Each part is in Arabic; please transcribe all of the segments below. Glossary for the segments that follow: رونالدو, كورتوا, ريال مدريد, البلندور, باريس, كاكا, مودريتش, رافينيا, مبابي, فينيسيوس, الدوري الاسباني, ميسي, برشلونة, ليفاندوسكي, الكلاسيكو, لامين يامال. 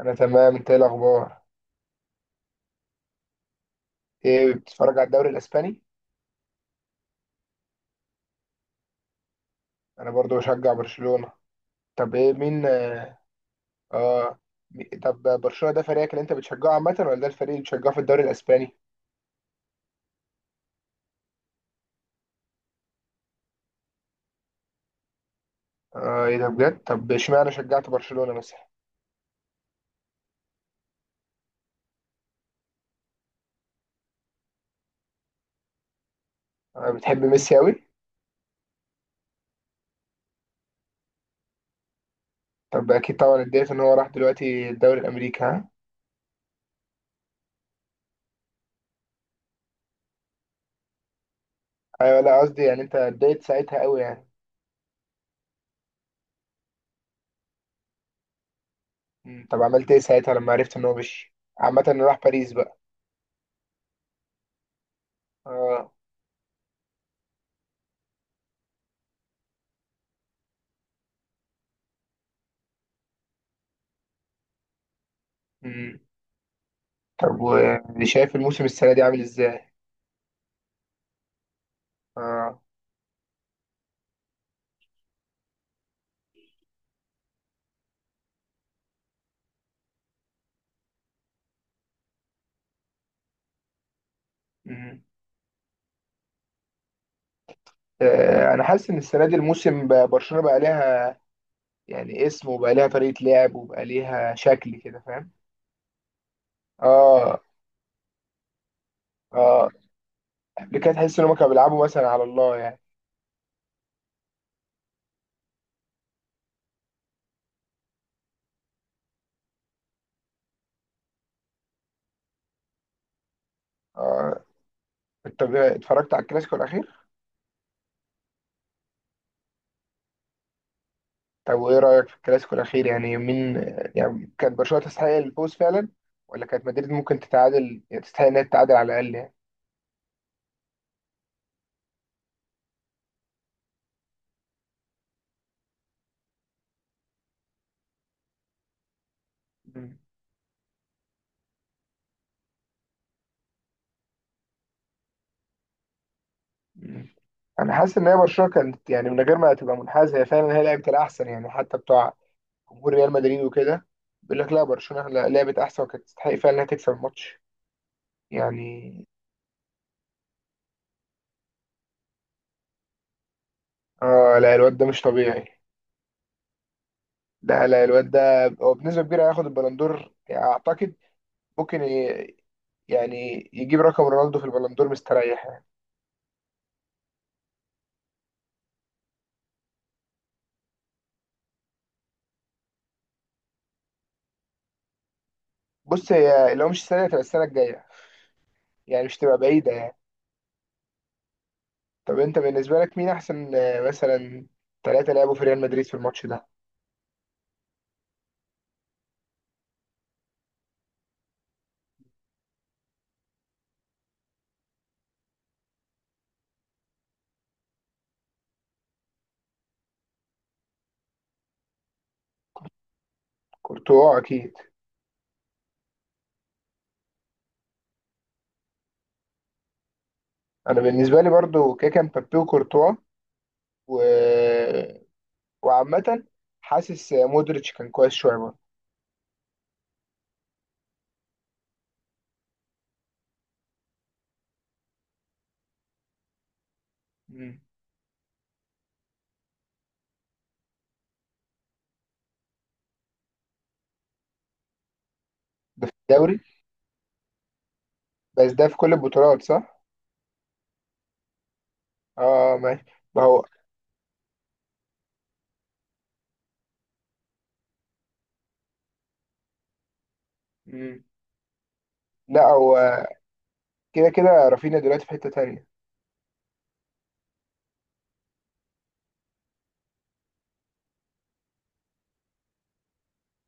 انا تمام. انت ايه الاخبار؟ ايه، بتتفرج على الدوري الاسباني؟ انا برضو بشجع برشلونة. طب ايه، مين اه آه، طب برشلونة ده فريقك اللي انت بتشجعه عامة، ولا ده الفريق اللي بتشجعه في الدوري الاسباني؟ اه ايه ده بجد؟ طب اشمعنى شجعت برشلونة مثلا؟ آه، بتحب ميسي قوي؟ طب اكيد طبعا اتضايقت ان هو راح دلوقتي الدوري الامريكي، ها؟ ايوه، لا قصدي يعني انت اتضايقت ساعتها قوي يعني. مم، طب عملت ايه ساعتها لما عرفت ان هو مشي عامة، إنه راح باريس بقى؟ اه. مم. طب وشايف الموسم السنة دي عامل ازاي؟ اه. مم. انا حاسس ان السنه دي الموسم برشلونه بقى ليها يعني اسم، وبقى ليها طريقه لعب، وبقى ليها شكل كده، فاهم؟ اه. اه. قبل كده تحس ان هم كانوا بيلعبوا مثلا على الله يعني. اه، انت اتفرجت على الكلاسيكو الاخير؟ طب وايه رايك في الكلاسيكو الاخير؟ يعني مين، يعني كانت برشلونه تستحق الفوز فعلا، ولا كانت مدريد ممكن تتعادل، يعني تستحق انها تتعادل على الاقل يعني؟ مم. مم. انا حاسس ان هي برشلونه كانت يعني من غير ما تبقى منحازه، هي فعلا هي لعبت الاحسن يعني، حتى بتوع جمهور ريال مدريد وكده بيقول لك لا برشلونة لعبت احسن، وكانت تستحق فعلا انها تكسب الماتش يعني. اه، لا الواد ده مش طبيعي. لا لا، الواد ده هو بنسبة كبيرة هياخد البلندور يعني، اعتقد ممكن يعني يجيب رقم رونالدو في البلندور مستريح يعني. بص، هي لو مش السنة دي هتبقى السنة الجاية، يعني مش تبقى بعيدة يعني. طب انت بالنسبة لك مين احسن مثلا ثلاثة لعبوا في ريال مدريد في الماتش ده؟ كورتوا اكيد. انا بالنسبة لي برضو كاكا مبابي وكورتوا، و، وعامة حاسس مودريتش كان كويس شوية برضه. مم. ده في الدوري بس، ده في كل البطولات، صح؟ اه ماشي. ما هو مم. لا هو كده كده رافينيا دلوقتي في حتة تانية.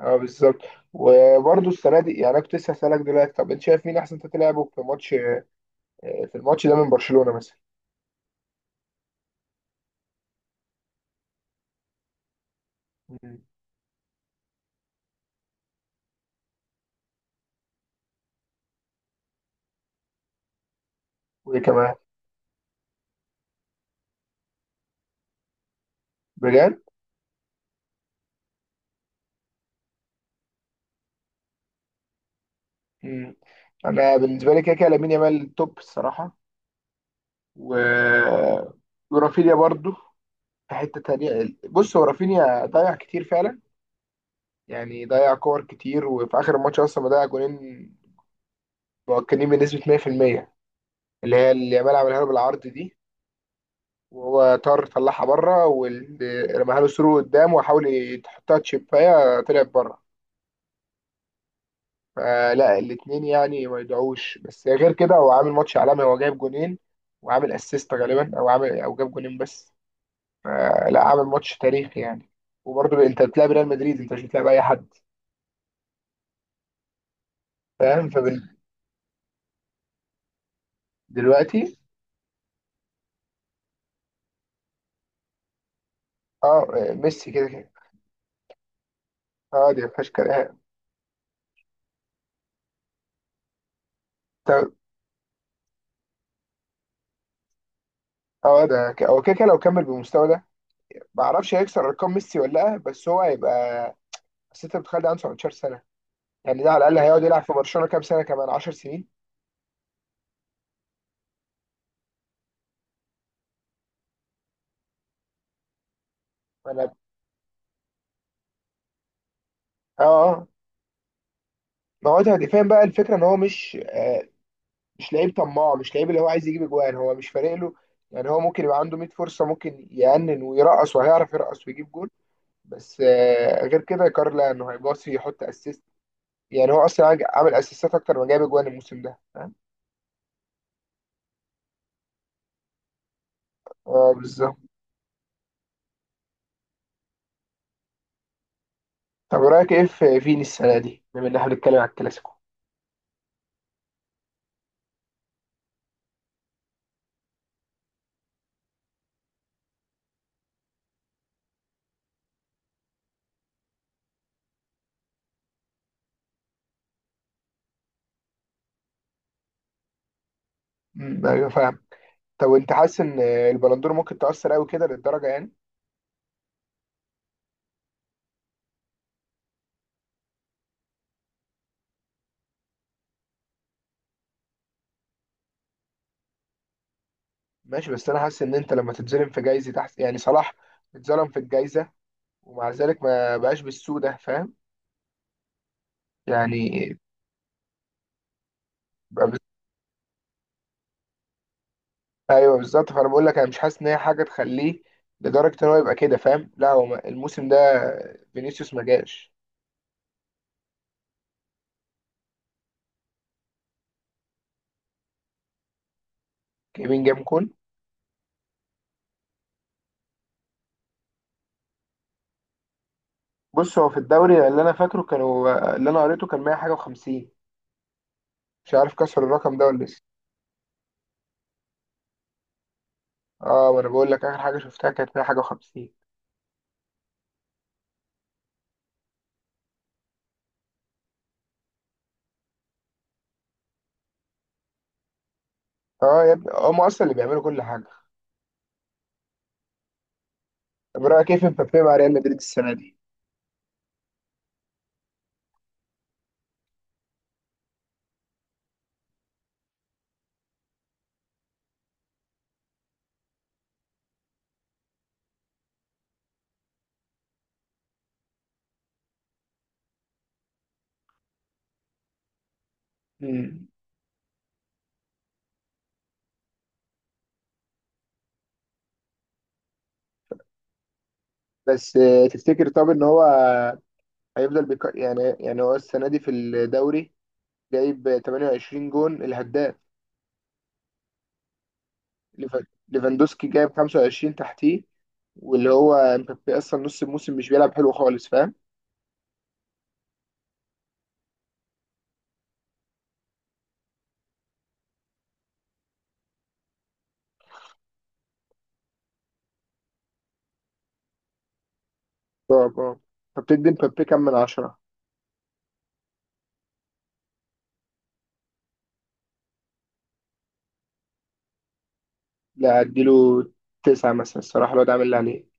اه بالظبط. وبرضه السنة دي يعني، انا كنت لسه هسألك دلوقتي: طب انت شايف مين احسن تلعبه في ماتش، في الماتش ده من برشلونة مثلا؟ مم. وايه كمان؟ بجد؟ مم. انا بالنسبة لي كده كده لامين يامال توب الصراحة، و... ورافينيا برضه في حتة تانية. بص، هو رافينيا ضيع كتير فعلا، يعني ضيع كور كتير، وفي اخر الماتش اصلا ضيع جولين مؤكدين بنسبه 100%، اللي هي اللي يامال عملها له بالعرض دي. وهو طار طلعها بره، ورماها له ثرو قدام، وحاول يحطها تشيبايه طلعت بره. فلا الاثنين يعني ما يدعوش، بس غير كده هو عامل ماتش عالمي، هو جايب جونين وعامل اسيست، غالبا او عامل، او جاب جونين بس. فلا عامل ماتش تاريخي يعني. وبرضه انت بتلعب ريال مدريد، انت مش بتلعب اي حد، فاهم؟ فدلوقتي اه ميسي كده كده. اه، دي ما فيهاش كلام. طب- اه، ده ك- هو كده كده لو كمل بالمستوى ده، ما اعرفش هيكسر ارقام ميسي ولا لا، بس هو هيبقى. بس انت بتخيل ده عنده 17 سنه. يعني ده على الاقل هيقعد يلعب في برشلونه كام سنه؟ كمان 10 سنين. انا اه اه، ما هو ده دفاعيا بقى الفكره ان هو مش آه، مش لعيب طماع، مش لعيب اللي هو عايز يجيب اجوان، هو مش فارق له. يعني هو ممكن يبقى عنده 100 فرصه، ممكن يأنن ويرقص، وهيعرف يرقص ويجيب جول، بس آه غير كده كارلا انه هيباصي يحط اسيست. يعني هو اصلا عامل اسيستات اكتر ما جايب اجوان الموسم ده، فاهم؟ اه بالظبط. طب رأيك ايه في فيني السنة دي، بما ان احنا بنتكلم على الكلاسيكو؟ مم. ايوه فاهم. طب انت حاسس ان البلندور ممكن تأثر قوي كده للدرجة يعني؟ ماشي، بس انا حاسس ان انت لما تتظلم في جايزة، تحس يعني صلاح اتظلم في الجايزة، ومع ذلك ما بقاش بالسوء ده، فاهم؟ يعني بقى بز... ايوه بالظبط. فانا بقول لك انا مش حاسس ان هي حاجة تخليه لدرجة ان هو يبقى كده، فاهم؟ لا هو الموسم ده فينيسيوس ما جاش كيمين جاب كون. بص، هو في الدوري اللي انا فاكره، كانوا اللي انا قريته كان 100 حاجة و50، مش عارف كسر الرقم ده ولا لسه. اه، ما انا بقول لك اخر حاجه شفتها كانت 100 حاجه و50. اه يا ابني، هم اصلا اللي بيعملوا كل حاجه. طب رايك كيف مبابي مع ريال مدريد السنه دي؟ مم. بس آه، تفتكر طب ان هو يعني، يعني هو السنه دي في الدوري جايب 28 جون الهداف. ليفاندوسكي جايب 25 تحتيه، واللي هو مبابي اصلا نص الموسم مش بيلعب حلو خالص، فاهم؟ طب اه، فبتدي مبابي كام من عشرة؟ لا اديله تسعة مثلا، الصراحه الواد عامل اللي عليه.